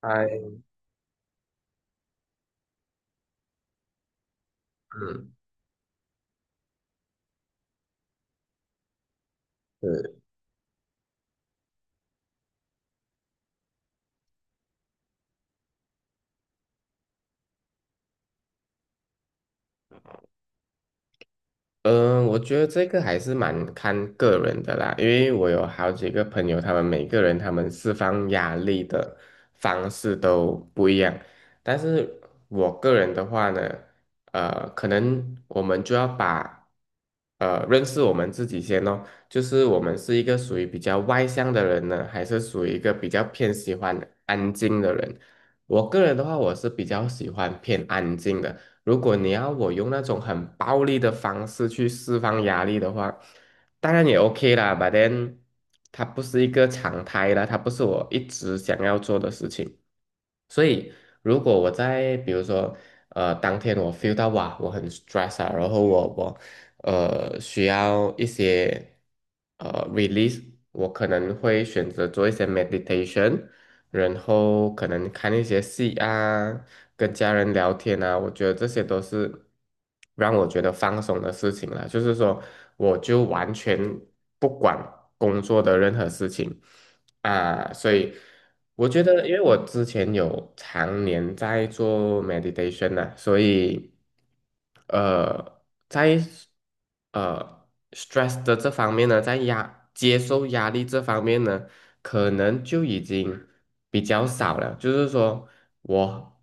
哎，嗯，是，嗯，我觉得这个还是蛮看个人的啦，因为我有好几个朋友，他们每个人他们释放压力的方式都不一样，但是我个人的话呢，可能我们就要把认识我们自己先哦，就是我们是一个属于比较外向的人呢，还是属于一个比较偏喜欢安静的人？我个人的话，我是比较喜欢偏安静的。如果你要我用那种很暴力的方式去释放压力的话，当然也 OK 啦，but then 它不是一个常态啦，它不是我一直想要做的事情。所以，如果我在比如说，当天我 feel 到哇，我很 stress 啊，然后我需要一些release，我可能会选择做一些 meditation，然后可能看一些戏啊，跟家人聊天啊，我觉得这些都是让我觉得放松的事情了。就是说，我就完全不管工作的任何事情，啊，所以我觉得，因为我之前有常年在做 meditation 呢、所以呃，在stress 的这方面呢，在接受压力这方面呢，可能就已经比较少了。就是说，我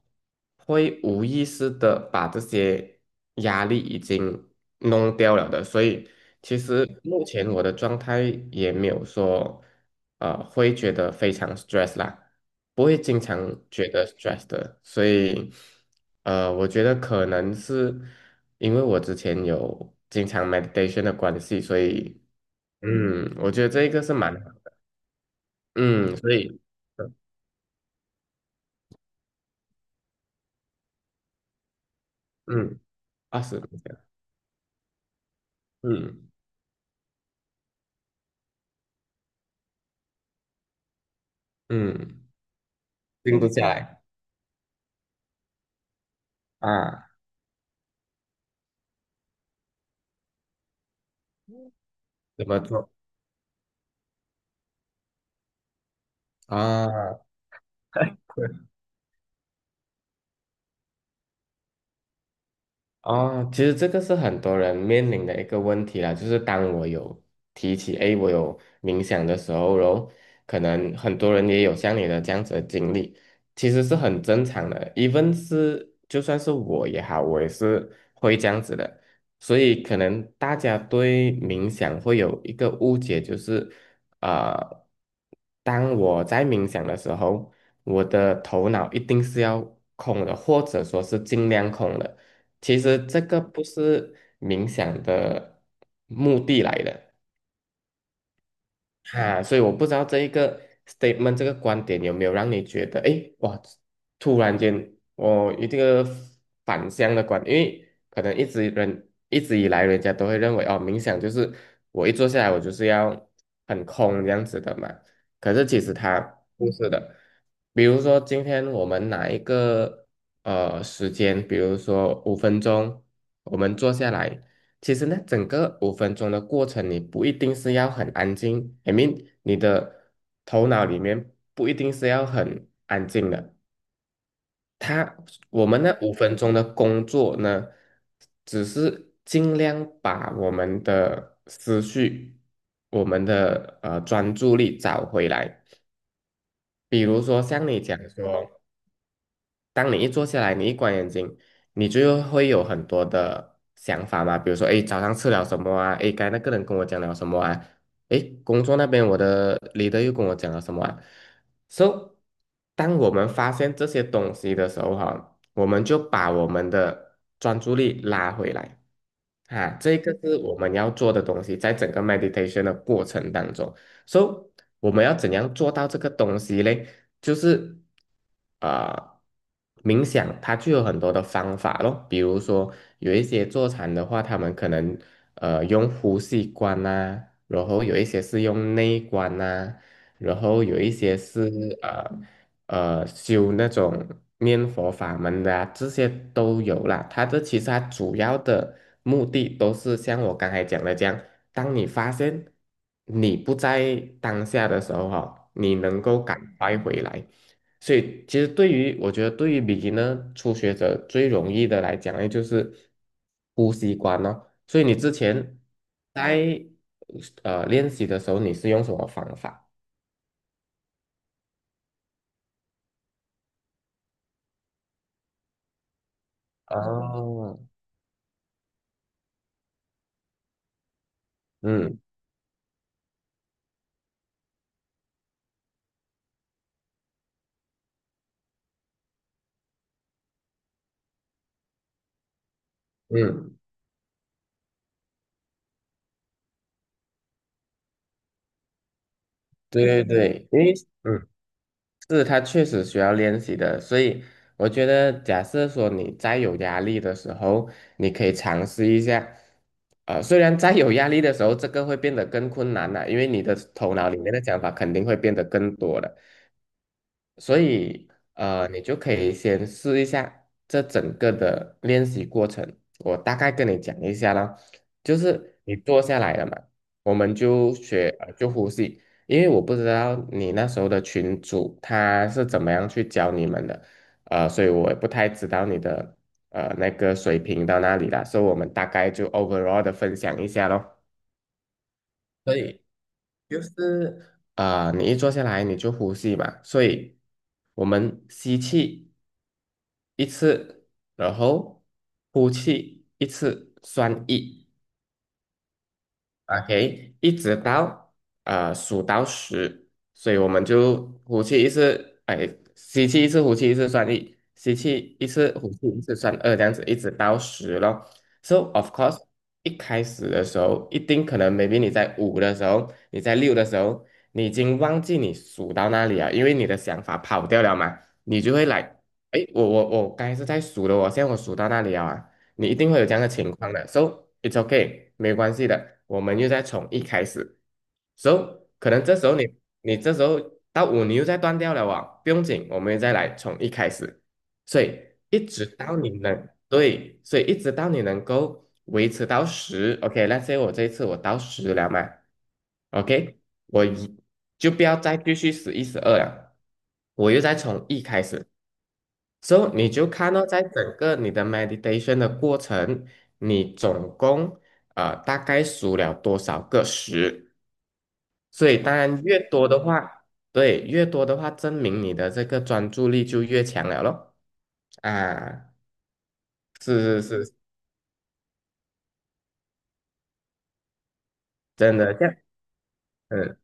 会无意识的把这些压力已经弄掉了的，所以其实目前我的状态也没有说，会觉得非常 stress 啦，不会经常觉得 stress 的，所以，我觉得可能是因为我之前有经常 meditation 的关系，所以，嗯，我觉得这一个是蛮，好，嗯，所以，呃嗯，二十，嗯嗯，定不下来啊，怎么做啊？哦，其实这个是很多人面临的一个问题啦，就是当我有提起，诶，我有冥想的时候，然后可能很多人也有像你的这样子的经历，其实是很正常的 e v 是就算是我也好，我也是会这样子的，所以可能大家对冥想会有一个误解，就是呃，当我在冥想的时候，我的头脑一定是要空的，或者说是尽量空的。其实这个不是冥想的目的来的。哈、所以我不知道这一个 statement 这个观点有没有让你觉得，诶，哇，突然间我一这个反向的观，因为可能一直以来人家都会认为哦，冥想就是我一坐下来我就是要很空这样子的嘛，可是其实它不是的，比如说今天我们拿一个时间，比如说五分钟，我们坐下来。其实呢，整个五分钟的过程，你不一定是要很安静，I mean，你的头脑里面不一定是要很安静的。它，我们那五分钟的工作呢，只是尽量把我们的思绪、我们的专注力找回来。比如说像你讲说，当你一坐下来，你一关眼睛，你就会有很多的想法嘛，比如说，哎，早上吃了什么啊？哎，刚才那个人跟我讲了什么啊？哎，工作那边我的 leader 又跟我讲了什么啊？So，当我们发现这些东西的时候，哈，我们就把我们的专注力拉回来。啊，这个是我们要做的东西，在整个 meditation 的过程当中，so 我们要怎样做到这个东西呢？就是啊，冥想它就有很多的方法喽，比如说有一些坐禅的话，他们可能用呼吸观啊，然后有一些是用内观啊，然后有一些是啊。修那种念佛法门的啊这些都有啦。它这其实它主要的目的都是像我刚才讲的这样，当你发现你不在当下的时候哈、你能够赶快回来。所以其实对于我觉得对于 b e g 初学者最容易的来讲呢，就是呼吸关哦。所以你之前在练习的时候，你是用什么方法？嗯哦，嗯嗯。对对对，因为嗯，是他确实需要练习的，所以我觉得，假设说你再有压力的时候，你可以尝试一下。呃，虽然再有压力的时候，这个会变得更困难了，因为你的头脑里面的想法肯定会变得更多了。所以你就可以先试一下这整个的练习过程。我大概跟你讲一下啦，就是你坐下来了嘛，我们就呼吸，因为我不知道你那时候的群主他是怎么样去教你们的，所以我也不太知道你的那个水平到哪里啦，所以我们大概就 overall 的分享一下咯。所以就是啊，你一坐下来你就呼吸嘛，所以我们吸气一次，然后呼气一次，算一。OK，一直到数到十，所以我们就呼气一次，哎，吸气一次，呼气一次算一，吸气一次，呼气一次算二，这样子一直到十咯。So of course，一开始的时候，一定可能 maybe 你在五的时候，你在六的时候，你已经忘记你数到那里了，因为你的想法跑掉了嘛，你就会来，哎，我刚才是在数的哦，我现在我数到那里了啊，你一定会有这样的情况的，so it's okay，没有关系的，我们又再从一开始，so 可能这时候你这时候到五你又再断掉了啊，不用紧，我们又再来从一开始，所以一直到你能对，所以一直到你能够维持到十 o k 那所以我这一次我到十了嘛，OK，我一就不要再继续11、12了，我又再从一开始，So，你就看到在整个你的 meditation 的过程，你总共大概数了多少个十？所以当然越多的话，对，越多的话，证明你的这个专注力就越强了咯。啊，是是是，真的，像嗯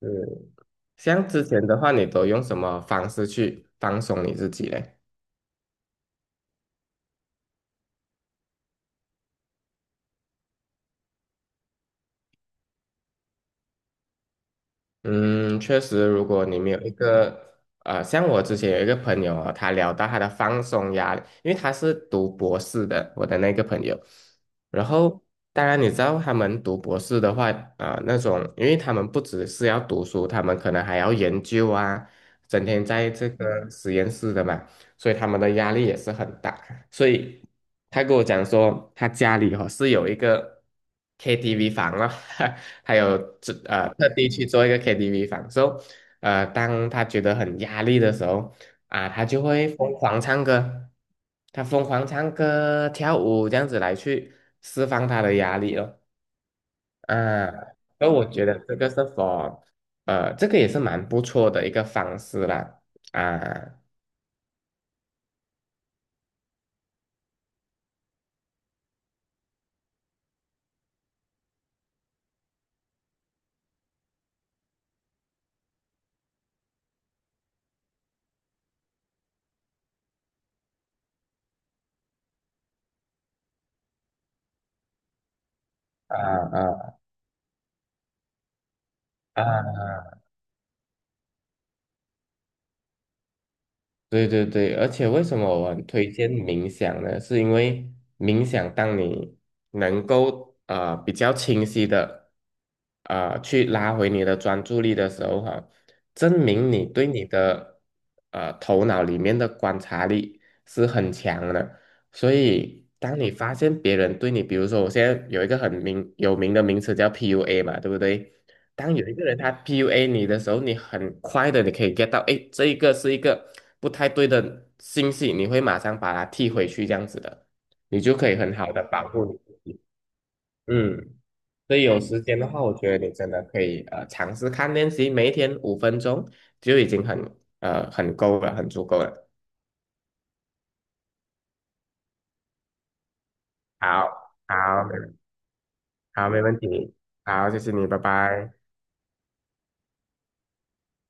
嗯，像之前的话，你都用什么方式去放松你自己嘞？嗯，确实，如果你们有一个像我之前有一个朋友啊，他聊到他的放松压力，因为他是读博士的，我的那个朋友。然后，当然你知道他们读博士的话，啊、那种，因为他们不只是要读书，他们可能还要研究啊，整天在这个实验室的嘛，所以他们的压力也是很大。所以他跟我讲说，他家里哦是有一个 KTV 房了，还有这特地去做一个 KTV 房，so 当他觉得很压力的时候啊，他就会疯狂唱歌，他疯狂唱歌跳舞这样子来去释放他的压力哦。啊，所以我觉得这个是 这个也是蛮不错的一个方式啦。啊啊啊啊！对对对，而且为什么我很推荐冥想呢？是因为冥想，当你能够比较清晰的去拉回你的专注力的时候，哈、证明你对你的头脑里面的观察力是很强的。所以，当你发现别人对你，比如说我现在有一个有名的名词叫 PUA 嘛，对不对？当有一个人他 PUA 你的时候，你很快的你可以 get 到，哎，这一个是一个不太对的信息，你会马上把它踢回去，这样子的，你就可以很好的保护你自己。嗯，所以有时间的话，我觉得你真的可以尝试看练习，每一天五分钟就已经很够了，很足够了。好，好，没问题。好，谢谢你，拜拜。